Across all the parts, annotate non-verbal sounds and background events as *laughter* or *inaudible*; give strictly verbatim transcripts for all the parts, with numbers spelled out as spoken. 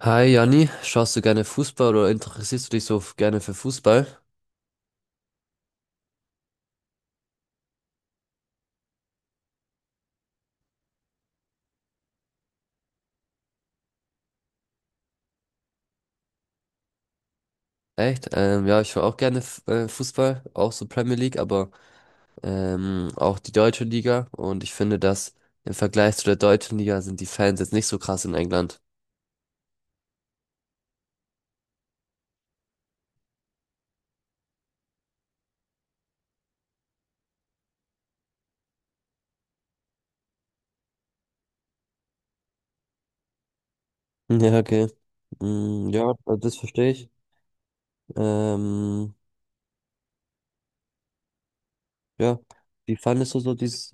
Hi Janni, schaust du gerne Fußball oder interessierst du dich so f- gerne für Fußball? Echt? Ähm, ja, ich schaue auch gerne F- äh, Fußball, auch so Premier League, aber ähm, auch die deutsche Liga. Und ich finde, dass im Vergleich zu der deutschen Liga sind die Fans jetzt nicht so krass in England. *laughs* Ja, okay. Mm, ja, also das verstehe ich. Ähm, ja, wie fandest du so dieses,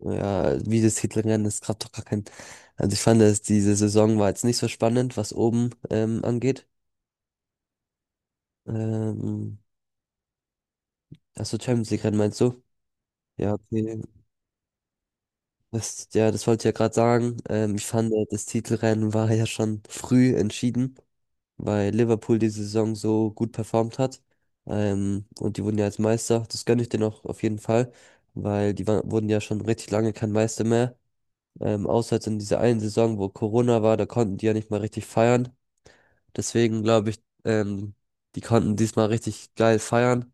ja, wie das Hitlerrennen, das gab doch gar kein, also ich fand, dass diese Saison war jetzt nicht so spannend, was oben ähm, angeht. Ähm, Achso, Champions League Rennen meinst du? Ja, okay. Das, ja, das wollte ich ja gerade sagen. Ähm, ich fand, äh, das Titelrennen war ja schon früh entschieden, weil Liverpool die Saison so gut performt hat. Ähm, und die wurden ja als Meister. Das gönne ich denen auch auf jeden Fall, weil die waren wurden ja schon richtig lange kein Meister mehr. Ähm, außer jetzt in dieser einen Saison, wo Corona war, da konnten die ja nicht mal richtig feiern. Deswegen glaube ich, ähm, die konnten diesmal richtig geil feiern.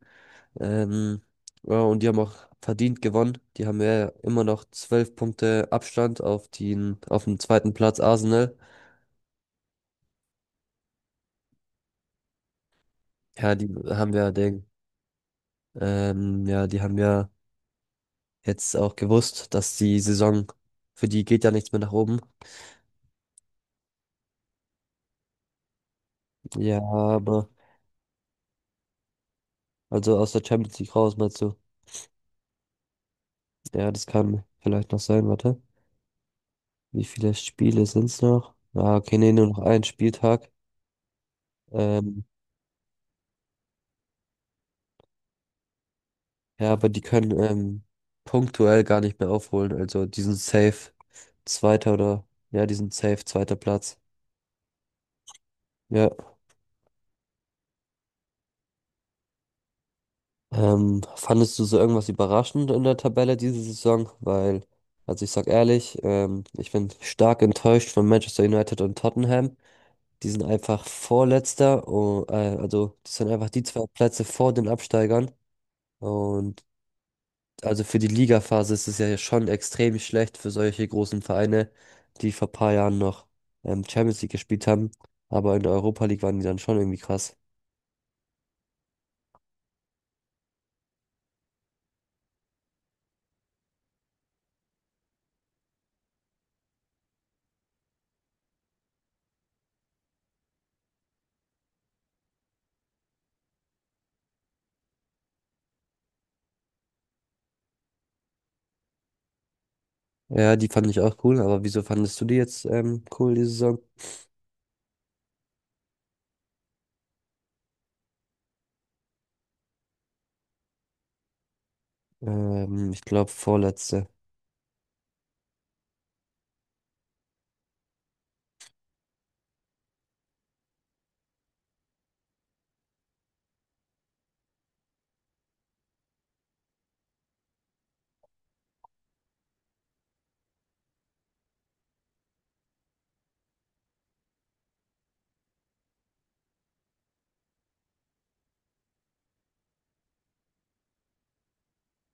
Ähm, ja, und die haben auch verdient gewonnen. Die haben ja immer noch zwölf Punkte Abstand auf den, auf den zweiten Platz Arsenal. Ja, die haben ja den, ähm, ja, die haben ja jetzt auch gewusst, dass die Saison für die geht ja nichts mehr nach oben. Ja, aber also aus der Champions League raus, meinst du? Ja, das kann vielleicht noch sein, warte. Wie viele Spiele sind's noch? Ah, okay, nee, nur noch ein Spieltag. Ähm, Ja, aber die können ähm, punktuell gar nicht mehr aufholen. Also die sind safe Zweiter oder ja, die sind safe zweiter Platz. Ja. Ähm, fandest du so irgendwas überraschend in der Tabelle diese Saison? Weil, also ich sag ehrlich, ähm, ich bin stark enttäuscht von Manchester United und Tottenham. Die sind einfach Vorletzter, oh, äh, also das sind einfach die zwei Plätze vor den Absteigern. Und also für die Ligaphase ist es ja schon extrem schlecht für solche großen Vereine, die vor ein paar Jahren noch ähm, Champions League gespielt haben. Aber in der Europa League waren die dann schon irgendwie krass. Ja, die fand ich auch cool, aber wieso fandest du die jetzt ähm, cool, die Saison? Ähm, ich glaube vorletzte.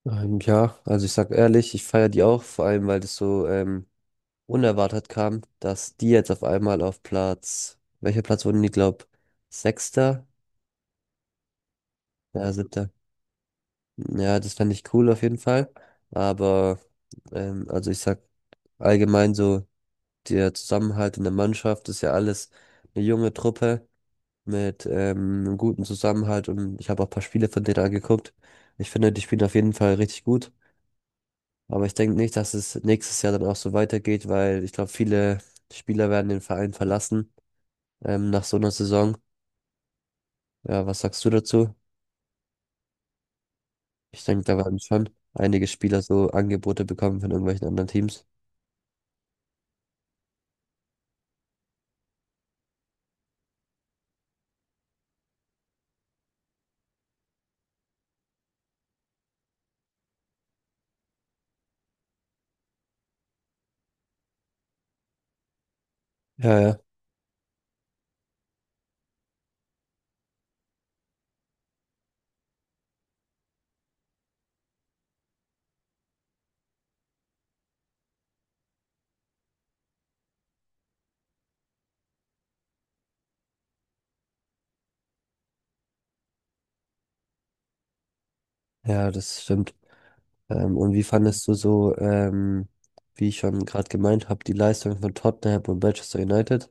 Ähm, ja, also ich sag ehrlich, ich feiere die auch, vor allem weil das so ähm, unerwartet kam, dass die jetzt auf einmal auf Platz, welcher Platz wurden die, glaub, Sechster? Ja, siebter. Ja, das fände ich cool auf jeden Fall. Aber, ähm, also ich sag allgemein so, der Zusammenhalt in der Mannschaft ist ja alles eine junge Truppe mit ähm, einem guten Zusammenhalt und ich habe auch ein paar Spiele von denen angeguckt. Ich finde, die spielen auf jeden Fall richtig gut. Aber ich denke nicht, dass es nächstes Jahr dann auch so weitergeht, weil ich glaube, viele Spieler werden den Verein verlassen ähm, nach so einer Saison. Ja, was sagst du dazu? Ich denke, da werden schon einige Spieler so Angebote bekommen von irgendwelchen anderen Teams. Ja, ja. Ja, das stimmt. Ähm, und wie fandest du so, ähm, wie ich schon gerade gemeint habe, die Leistung von Tottenham und Manchester United?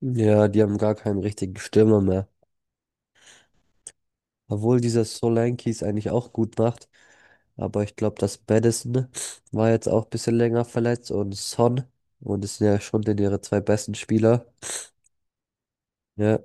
Ja, die haben gar keinen richtigen Stürmer mehr. Obwohl dieser Solanke es eigentlich auch gut macht. Aber ich glaube, das Maddison war jetzt auch ein bisschen länger verletzt und Son. Und es sind ja schon denn ihre zwei besten Spieler. Ja.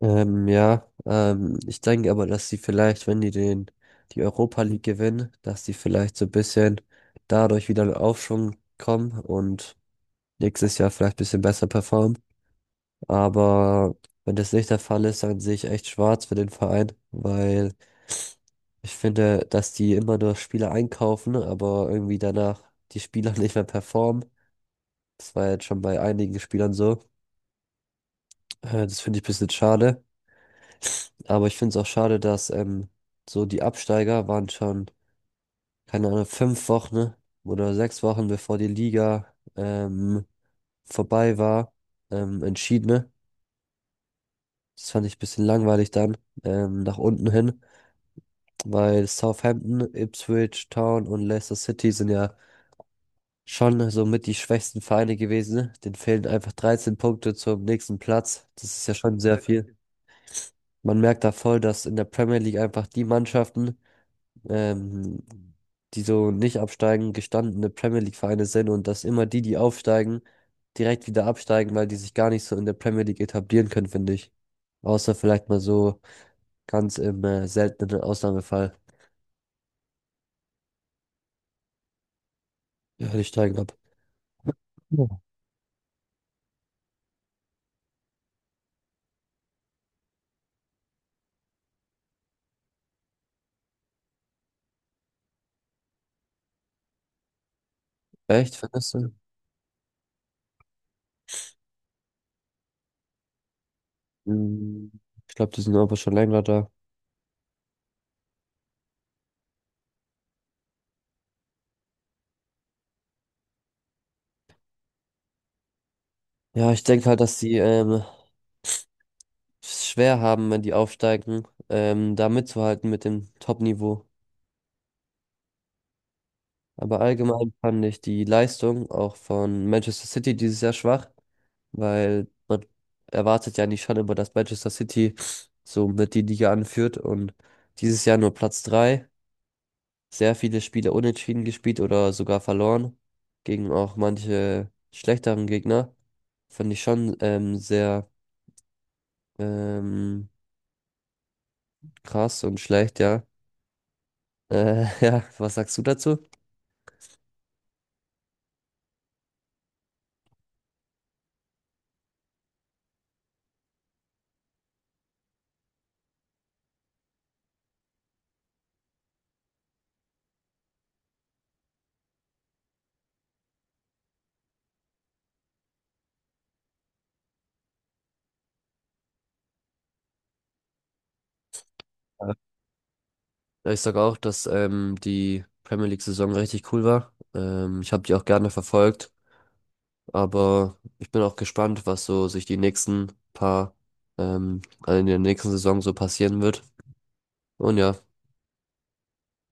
Ähm, ja, ähm, Ich denke aber, dass sie vielleicht, wenn die den, die Europa League gewinnen, dass sie vielleicht so ein bisschen dadurch wieder in Aufschwung kommen und nächstes Jahr vielleicht ein bisschen besser performen. Aber wenn das nicht der Fall ist, dann sehe ich echt schwarz für den Verein, weil ich finde, dass die immer nur Spieler einkaufen, aber irgendwie danach die Spieler *laughs* nicht mehr performen. Das war jetzt schon bei einigen Spielern so. Äh, das finde ich ein bisschen schade. Aber ich finde es auch schade, dass ähm, so die Absteiger waren schon, keine Ahnung, fünf Wochen oder sechs Wochen, bevor die Liga ähm, vorbei war, ähm, entschieden, ne? Das fand ich ein bisschen langweilig dann, ähm, nach unten hin, weil Southampton, Ipswich Town und Leicester City sind ja schon so mit die schwächsten Vereine gewesen, ne? Denen fehlen einfach dreizehn Punkte zum nächsten Platz. Das ist ja schon sehr viel. Man merkt da voll, dass in der Premier League einfach die Mannschaften, ähm, die so nicht absteigen, gestandene Premier League-Vereine sind und dass immer die, die aufsteigen, direkt wieder absteigen, weil die sich gar nicht so in der Premier League etablieren können, finde ich. Außer vielleicht mal so ganz im äh, seltenen Ausnahmefall. Ja, die steigen ab. Ja. Echt, findest du? Hm, Ich glaube, die sind aber schon länger da. Ja, ich denke halt, dass die ähm, es schwer haben, wenn die aufsteigen, ähm, da mitzuhalten mit dem Top-Niveau. Aber allgemein fand ich die Leistung auch von Manchester City dieses Jahr schwach, weil man erwartet ja nicht schon immer, dass Manchester City so mit die Liga anführt und dieses Jahr nur Platz drei sehr viele Spiele unentschieden gespielt oder sogar verloren gegen auch manche schlechteren Gegner. Fand ich schon ähm, sehr ähm, krass und schlecht, ja. Äh, *laughs* ja, was sagst du dazu? Ja, Ich sage auch, dass ähm, die Premier League-Saison richtig cool war. Ähm, ich habe die auch gerne verfolgt, aber ich bin auch gespannt, was so sich die nächsten paar ähm, also in der nächsten Saison so passieren wird. Und ja.